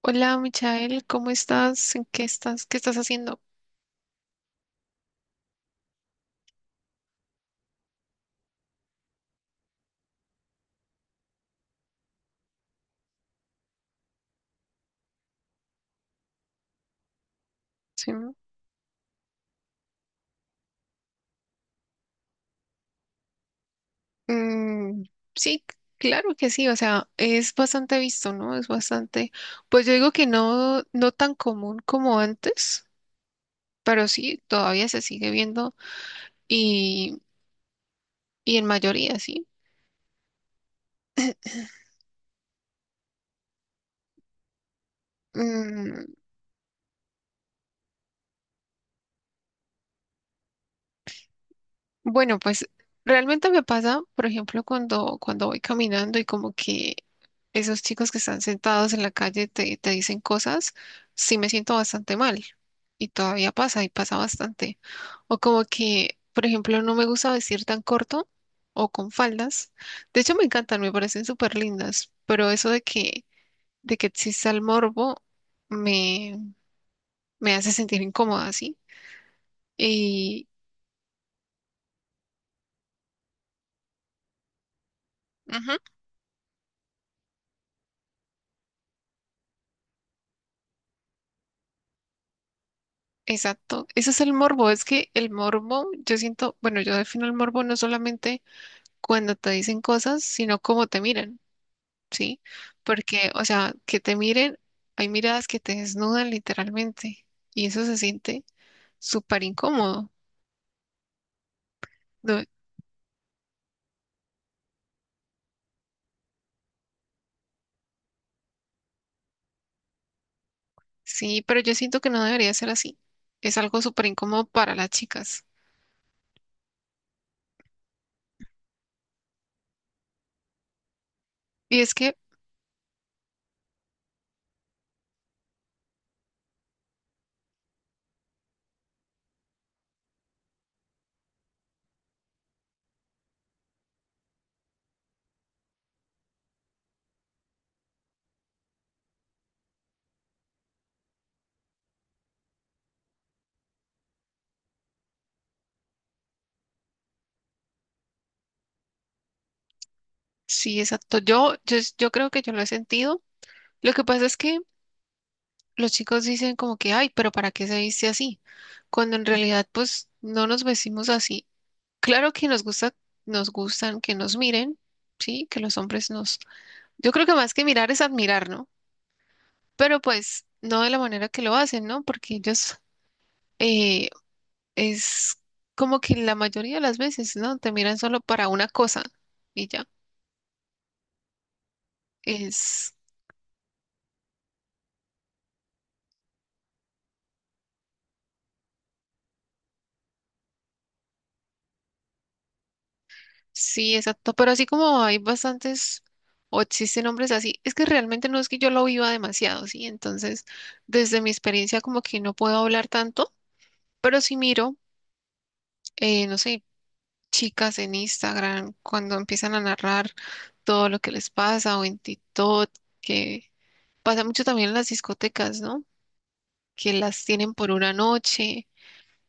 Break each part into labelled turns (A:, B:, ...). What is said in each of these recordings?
A: Hola, Michael, ¿cómo estás? ¿En ¿Qué estás? ¿Qué estás? Haciendo? Sí, ¿no? mm, sí, claro que sí, o sea, es bastante visto, ¿no? Es bastante, pues yo digo que no, no tan común como antes, pero sí, todavía se sigue viendo y, y en mayoría, sí. Mm, bueno, pues realmente me pasa, por ejemplo, cuando voy caminando y como que esos chicos que están sentados en la calle te dicen cosas, sí me siento bastante mal. Y todavía pasa, y pasa bastante. O como que, por ejemplo, no me gusta vestir tan corto o con faldas. De hecho, me encantan, me parecen súper lindas, pero eso de de que exista el morbo me, me hace sentir incómoda, ¿sí? Y, ujú. Exacto, ese es el morbo, es que el morbo, yo siento, bueno, yo defino el morbo no solamente cuando te dicen cosas, sino cómo te miran, ¿sí? Porque, o sea, que te miren, hay miradas que te desnudan literalmente y eso se siente súper incómodo. ¿No? Sí, pero yo siento que no debería ser así. Es algo súper incómodo para las chicas. Y es que, sí, exacto, yo creo que yo lo he sentido. Lo que pasa es que los chicos dicen como que, ay, pero ¿para qué se viste así? Cuando en realidad, pues, no nos vestimos así. Claro que nos gusta, nos gustan que nos miren, sí, que los hombres nos. Yo creo que más que mirar es admirar, ¿no? Pero pues, no de la manera que lo hacen, ¿no? Porque ellos eh, es como que la mayoría de las veces, ¿no? Te miran solo para una cosa y ya. Es. Sí, exacto, pero así como hay bastantes o existen hombres así, es que realmente no es que yo lo viva demasiado, ¿sí? Entonces, desde mi experiencia como que no puedo hablar tanto, pero sí miro, no sé, chicas en Instagram cuando empiezan a narrar todo lo que les pasa o en TikTok, que pasa mucho también en las discotecas, ¿no? Que las tienen por una noche,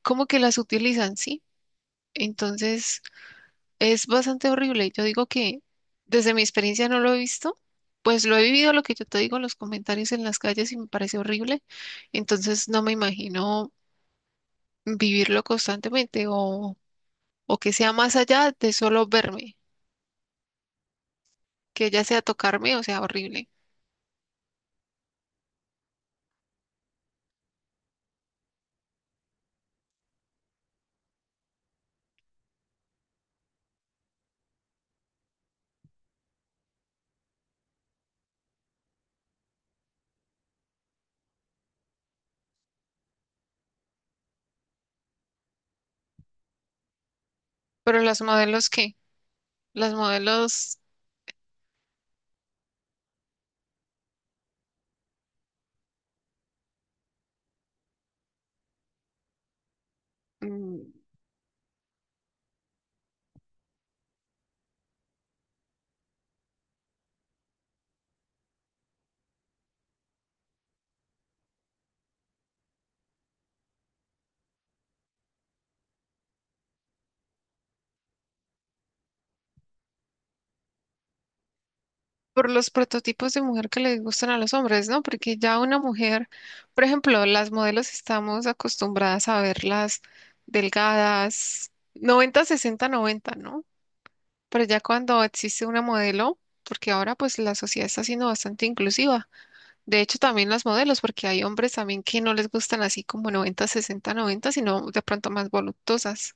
A: como que las utilizan, ¿sí? Entonces es bastante horrible. Yo digo que desde mi experiencia no lo he visto, pues lo he vivido lo que yo te digo, en los comentarios en las calles y me parece horrible. Entonces no me imagino vivirlo constantemente o que sea más allá de solo verme, que ya sea tocarme o sea horrible. Pero las modelos, ¿qué? Las modelos, mm, por los prototipos de mujer que les gustan a los hombres, ¿no? Porque ya una mujer, por ejemplo, las modelos estamos acostumbradas a verlas delgadas, 90-60-90, ¿no? Pero ya cuando existe una modelo, porque ahora pues la sociedad está siendo bastante inclusiva. De hecho, también las modelos, porque hay hombres también que no les gustan así como 90-60-90, sino de pronto más voluptuosas.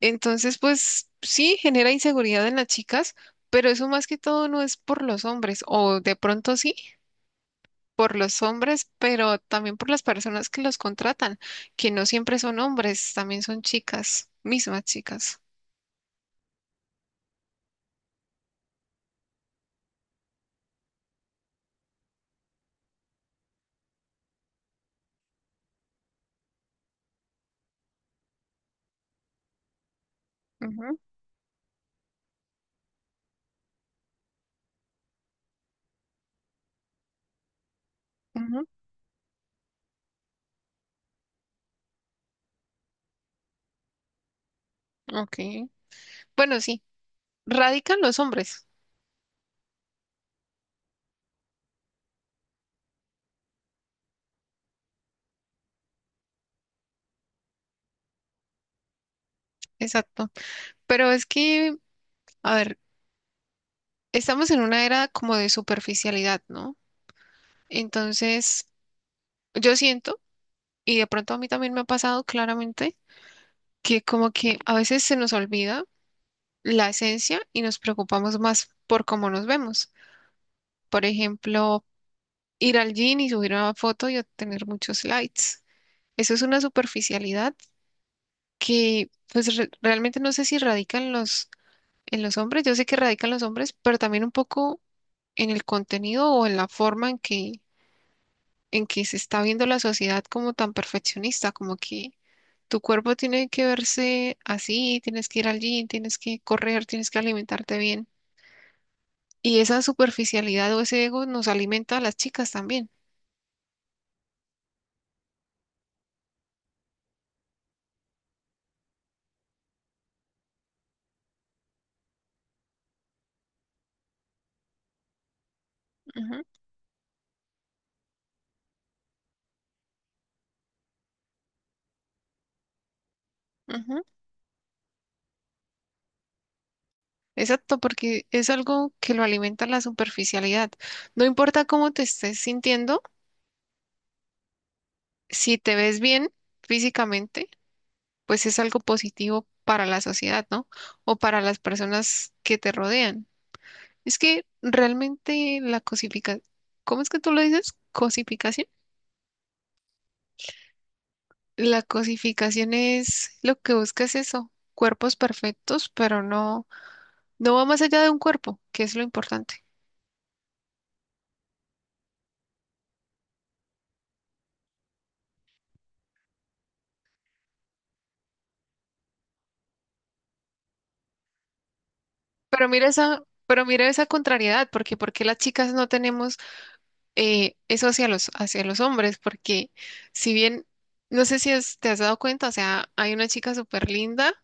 A: Entonces, pues sí, genera inseguridad en las chicas, pero eso más que todo no es por los hombres, o de pronto sí, por los hombres, pero también por las personas que los contratan, que no siempre son hombres, también son chicas, mismas chicas. Ujú, ujú, ok. Bueno, sí, radican los hombres, exacto. Pero es que, a ver, estamos en una era como de superficialidad, ¿no? Entonces, yo siento, y de pronto a mí también me ha pasado claramente, que como que a veces se nos olvida la esencia y nos preocupamos más por cómo nos vemos. Por ejemplo, ir al gym y subir una foto y obtener muchos likes. Eso es una superficialidad que pues realmente no sé si radica en en los hombres, yo sé que radica en los hombres, pero también un poco en el contenido o en la forma en en que se está viendo la sociedad como tan perfeccionista, como que tu cuerpo tiene que verse así, tienes que ir al gym, tienes que correr, tienes que alimentarte bien. Y esa superficialidad o ese ego nos alimenta a las chicas también. Ujú, ujú. Exacto, porque es algo que lo alimenta la superficialidad. No importa cómo te estés sintiendo, si te ves bien físicamente, pues es algo positivo para la sociedad, ¿no? O para las personas que te rodean. Es que realmente la cosificación, ¿cómo es que tú lo dices? Cosificación. La cosificación es lo que busca es eso, cuerpos perfectos, pero no, no va más allá de un cuerpo, que es lo importante. Pero mira esa contrariedad, porque porque las chicas no tenemos eso hacia hacia los hombres, porque si bien, no sé si te has dado cuenta, o sea, hay una chica súper linda,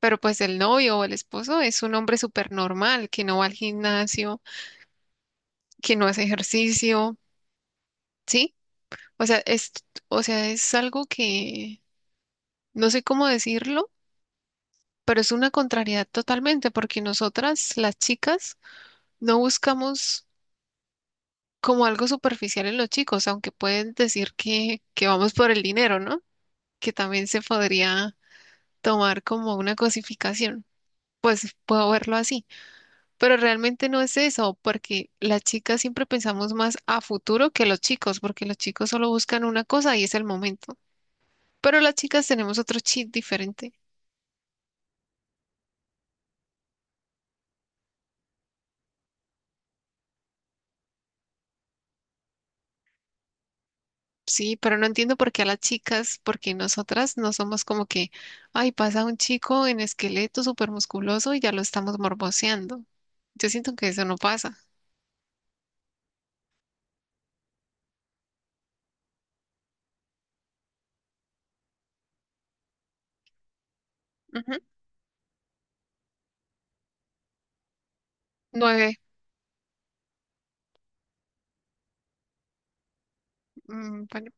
A: pero pues el novio o el esposo es un hombre súper normal, que no va al gimnasio, que no hace ejercicio, ¿sí? O sea, o sea, es algo que no sé cómo decirlo, pero es una contrariedad totalmente, porque nosotras, las chicas, no buscamos como algo superficial en los chicos, aunque pueden decir que vamos por el dinero, ¿no? Que también se podría tomar como una cosificación. Pues puedo verlo así, pero realmente no es eso, porque las chicas siempre pensamos más a futuro que los chicos, porque los chicos solo buscan una cosa y es el momento, pero las chicas tenemos otro chip diferente. Sí, pero no entiendo por qué a las chicas, porque nosotras no somos como que, ay, pasa un chico en esqueleto supermusculoso musculoso y ya lo estamos morboseando. Yo siento que eso no pasa. Ujú. Nueve. Mm, bueno,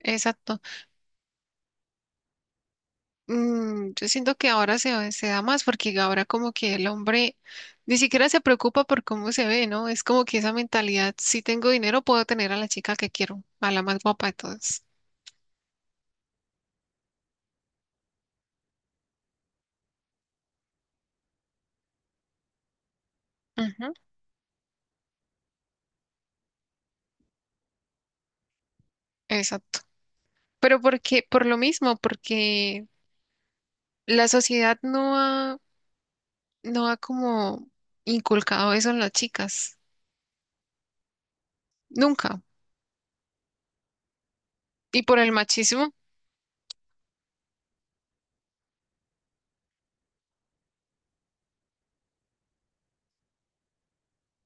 A: exacto. Mm, yo siento que ahora se da más porque ahora como que el hombre ni siquiera se preocupa por cómo se ve, ¿no? Es como que esa mentalidad, si tengo dinero, puedo tener a la chica que quiero, a la más guapa de todas. Ujú, exacto. Pero porque, por lo mismo, porque la sociedad no no ha como inculcado eso en las chicas, nunca. Y por el machismo,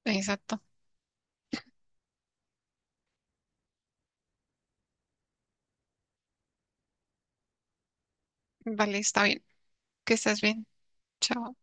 A: exacto. Vale, está bien, que estás bien. Chao.